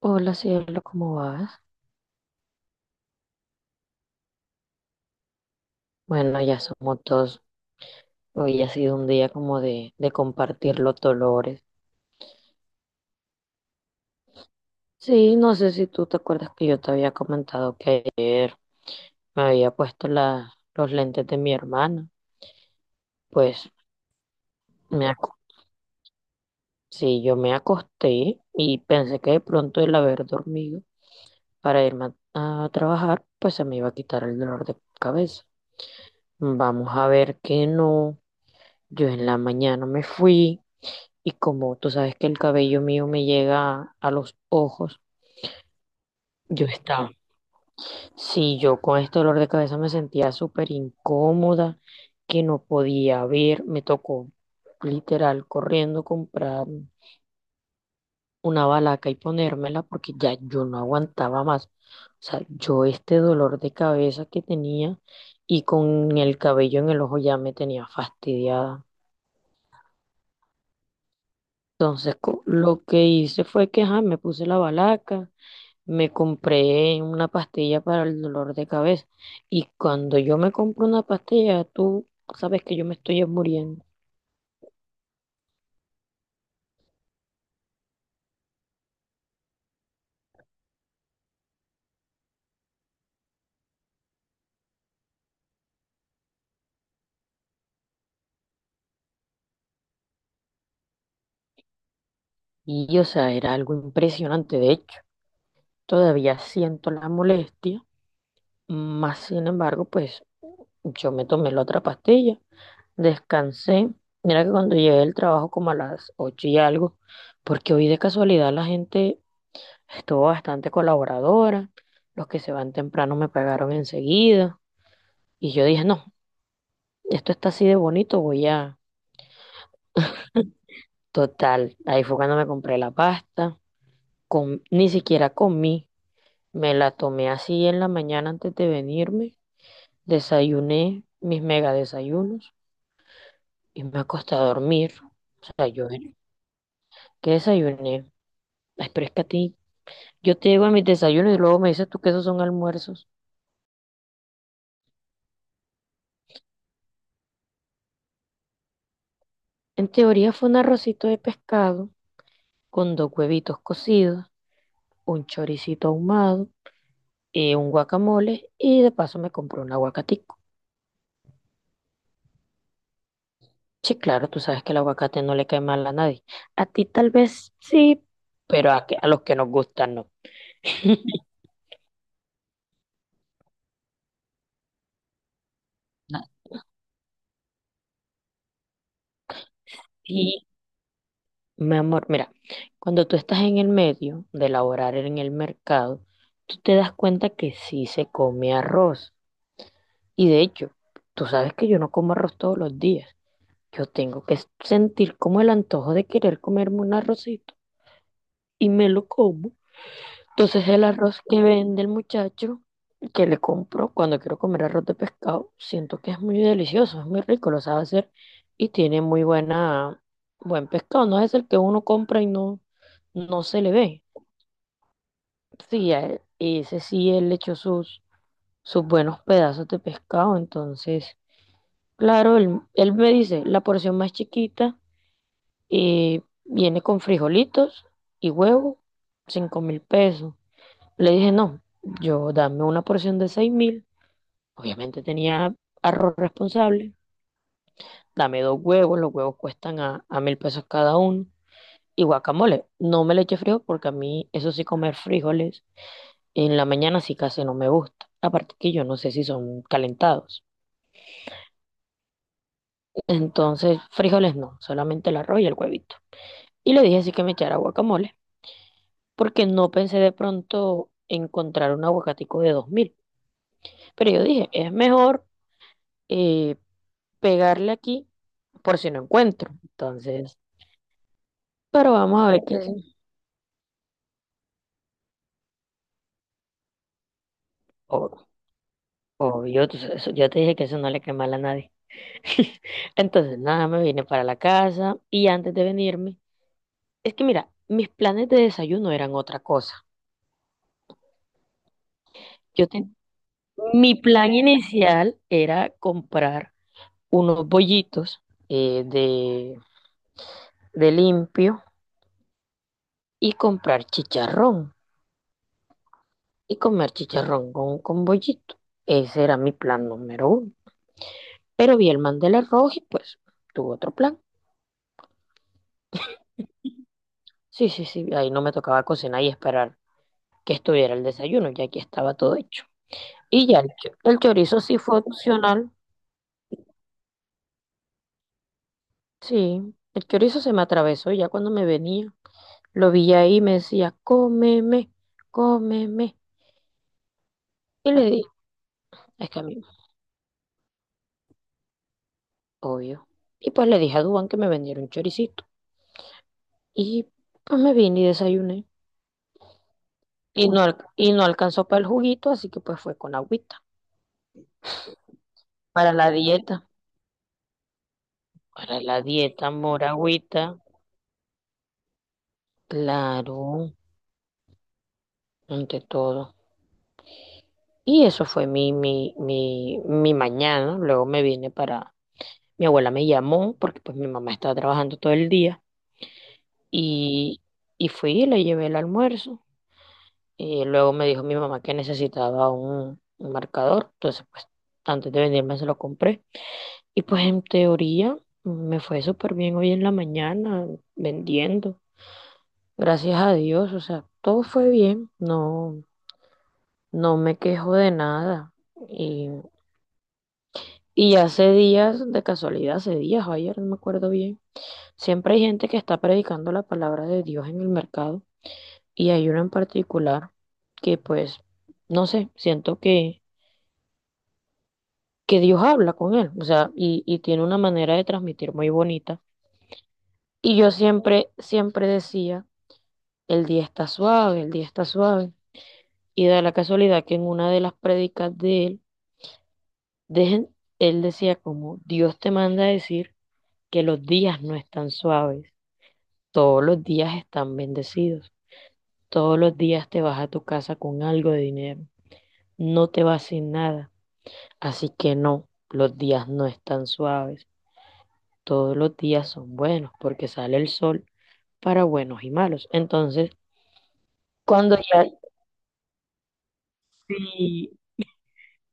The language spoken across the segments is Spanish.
Hola cielo, ¿cómo vas? Bueno, ya somos dos. Hoy ha sido un día como de compartir los dolores. Sí, no sé si tú te acuerdas que yo te había comentado que ayer me había puesto los lentes de mi hermana. Pues me, ac- sí, yo me acosté y pensé que de pronto el haber dormido para irme a trabajar, pues se me iba a quitar el dolor de cabeza. Vamos a ver que no. Yo en la mañana me fui. Y como tú sabes que el cabello mío me llega a los ojos, yo estaba, sí, yo con este dolor de cabeza me sentía súper incómoda, que no podía ver, me tocó literal corriendo comprar una balaca y ponérmela porque ya yo no aguantaba más. O sea, yo este dolor de cabeza que tenía y con el cabello en el ojo ya me tenía fastidiada. Entonces, lo que hice fue que ajá, me puse la balaca, me compré una pastilla para el dolor de cabeza. Y cuando yo me compro una pastilla, tú sabes que yo me estoy muriendo. O sea, era algo impresionante. De hecho, todavía siento la molestia. Más sin embargo, pues yo me tomé la otra pastilla, descansé. Mira que cuando llegué del trabajo como a las ocho y algo, porque hoy de casualidad la gente estuvo bastante colaboradora. Los que se van temprano me pagaron enseguida. Y yo dije, no. Esto está así de bonito, voy a... Total, ahí fue cuando me compré la pasta, ni siquiera comí, me la tomé así en la mañana antes de venirme, desayuné mis mega desayunos y me acosté a dormir. O sea, yo, ¿Qué desayuné? Ay, pero es que a ti, yo te digo a mis desayunos y luego me dices tú que esos son almuerzos. En teoría fue un arrocito de pescado con dos huevitos cocidos, un choricito ahumado, un guacamole y de paso me compré un aguacate. Sí, claro, tú sabes que el aguacate no le cae mal a nadie. A ti tal vez sí, pero a los que nos gustan no. A ti mi amor, mira, cuando tú estás en el medio de elaborar en el mercado, tú te das cuenta que sí se come arroz. Y de hecho, tú sabes que yo no como arroz todos los días. Yo tengo que sentir como el antojo de querer comerme un arrocito y me lo como. Entonces el arroz que vende el muchacho, que le compro cuando quiero comer arroz de pescado, siento que es muy delicioso, es muy rico, lo sabe hacer y tiene buen pescado. No es el que uno compra no se le ve. Sí, ese sí, él le echó sus buenos pedazos de pescado. Entonces, claro, él me dice, la porción más chiquita viene con frijolitos y huevo, 5.000 pesos. Le dije, no, yo dame una porción de 6.000. Obviamente tenía arroz responsable. Dame dos huevos, los huevos cuestan a 1.000 pesos cada uno. Y guacamole, no me le eche frijol porque a mí, eso sí, comer frijoles en la mañana sí casi no me gusta. Aparte que yo no sé si son calentados. Entonces, frijoles no, solamente el arroz y el huevito. Y le dije así que me echara guacamole, porque no pensé de pronto encontrar un aguacatico de 2.000. Pero yo dije, es mejor eh, pegarle aquí por si no encuentro. Entonces, pero vamos a ver qué. Ob- Obvio, tú sabes, yo te dije que eso no le quema a nadie. Entonces, nada, me vine para la casa y antes de venirme, es que mira, mis planes de desayuno eran otra cosa. Yo ten- mi plan inicial era comprar unos bollitos eh, de, de limpio y comprar chicharrón y comer chicharrón con bollito. Ese era mi plan número uno. Pero vi el Mandela rojo y pues tuvo otro plan. Sí, sí, sí, ahí no me tocaba cocinar y esperar que estuviera el desayuno, ya que estaba todo hecho. Y ya el chorizo sí fue opcional, sí, el chorizo se me atravesó y ya cuando me venía, lo vi ahí y me decía, cómeme, cómeme. Y le dije, es que a mí, obvio. Y pues le dije a Dubán que me vendiera un choricito. Y pues me vine y desayuné. Y no, y no alcanzó para el juguito, así que pues fue con agüita, para la dieta. Para la dieta moragüita, claro, ante todo. Y eso fue mi mañana. Luego me vine para, mi abuela me llamó porque pues mi mamá estaba trabajando todo el día y, y fui y le llevé el almuerzo. Y luego me dijo mi mamá que necesitaba un marcador. Entonces, pues antes de venirme se lo compré. Y pues en teoría me fue súper bien hoy en la mañana vendiendo. Gracias a Dios, o sea, todo fue bien. No, No me quejo de nada. Y, y hace días, de casualidad, hace días o ayer, no me acuerdo bien, siempre hay gente que está predicando la palabra de Dios en el mercado y hay uno en particular que pues, no sé, siento que Dios habla con él, o sea, y tiene una manera de transmitir muy bonita. Y yo siempre, siempre decía, el día está suave, el día está suave. Y da la casualidad que en una de las prédicas de él, dejen, él decía como Dios te manda a decir que los días no están suaves, todos los días están bendecidos, todos los días te vas a tu casa con algo de dinero, no te vas sin nada, así que no, los días no están suaves, todos los días son buenos porque sale el sol para buenos y malos. Entonces, cuando ya, sí,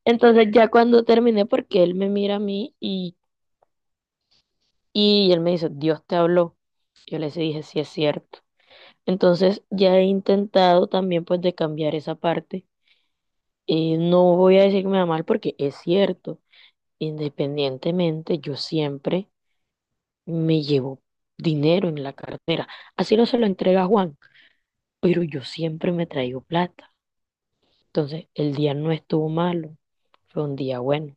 entonces ya cuando terminé, porque él me mira a mí y él me dice, Dios te habló. Yo les dije, sí es cierto. Entonces ya he intentado también pues de cambiar esa parte. Y no voy a decir que me va mal porque es cierto, independientemente, yo siempre me llevo dinero en la cartera. Así no se lo entrega a Juan, pero yo siempre me traigo plata. Entonces, el día no estuvo malo, fue un día bueno.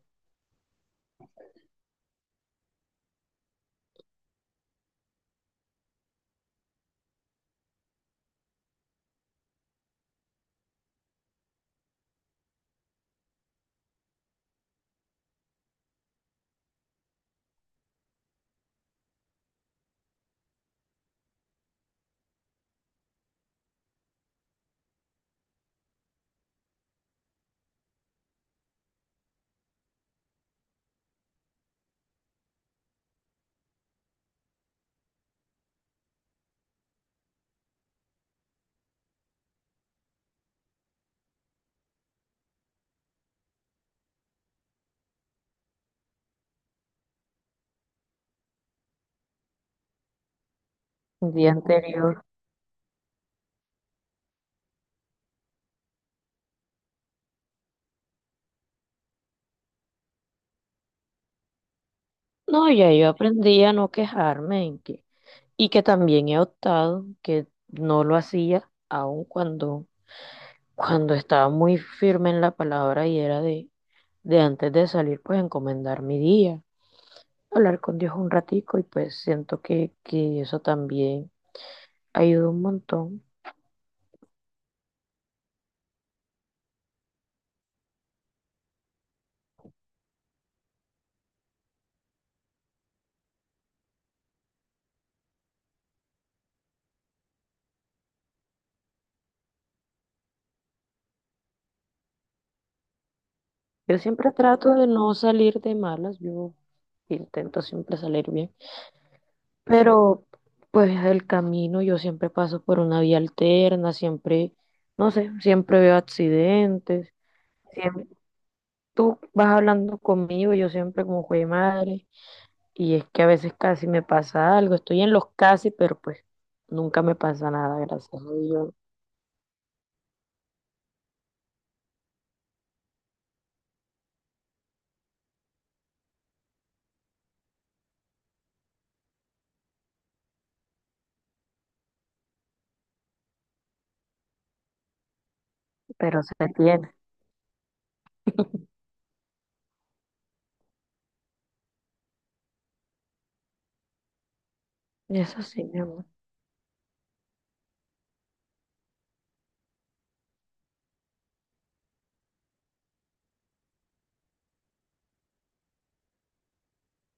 Un día anterior. No, ya yo aprendí a no quejarme en que, y que también he optado que no lo hacía, aun cuando, cuando estaba muy firme en la palabra y era de antes de salir, pues encomendar mi día, hablar con Dios un ratico y pues siento que eso también ayuda un montón. Yo siempre trato de no salir de malas, yo intento siempre salir bien, pero pues el camino yo siempre paso por una vía alterna, siempre, no sé, siempre veo accidentes, siempre, tú vas hablando conmigo, yo siempre como jue madre, y es que a veces casi me pasa algo, estoy en los casi, pero pues nunca me pasa nada, gracias a Dios, pero se tiene. Eso sí, mi amor.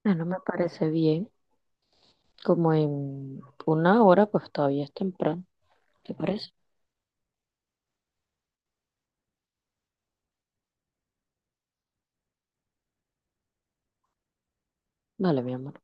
Ah, no me parece bien. Como en una hora, pues todavía es temprano. ¿Te parece? Vale, mi amor.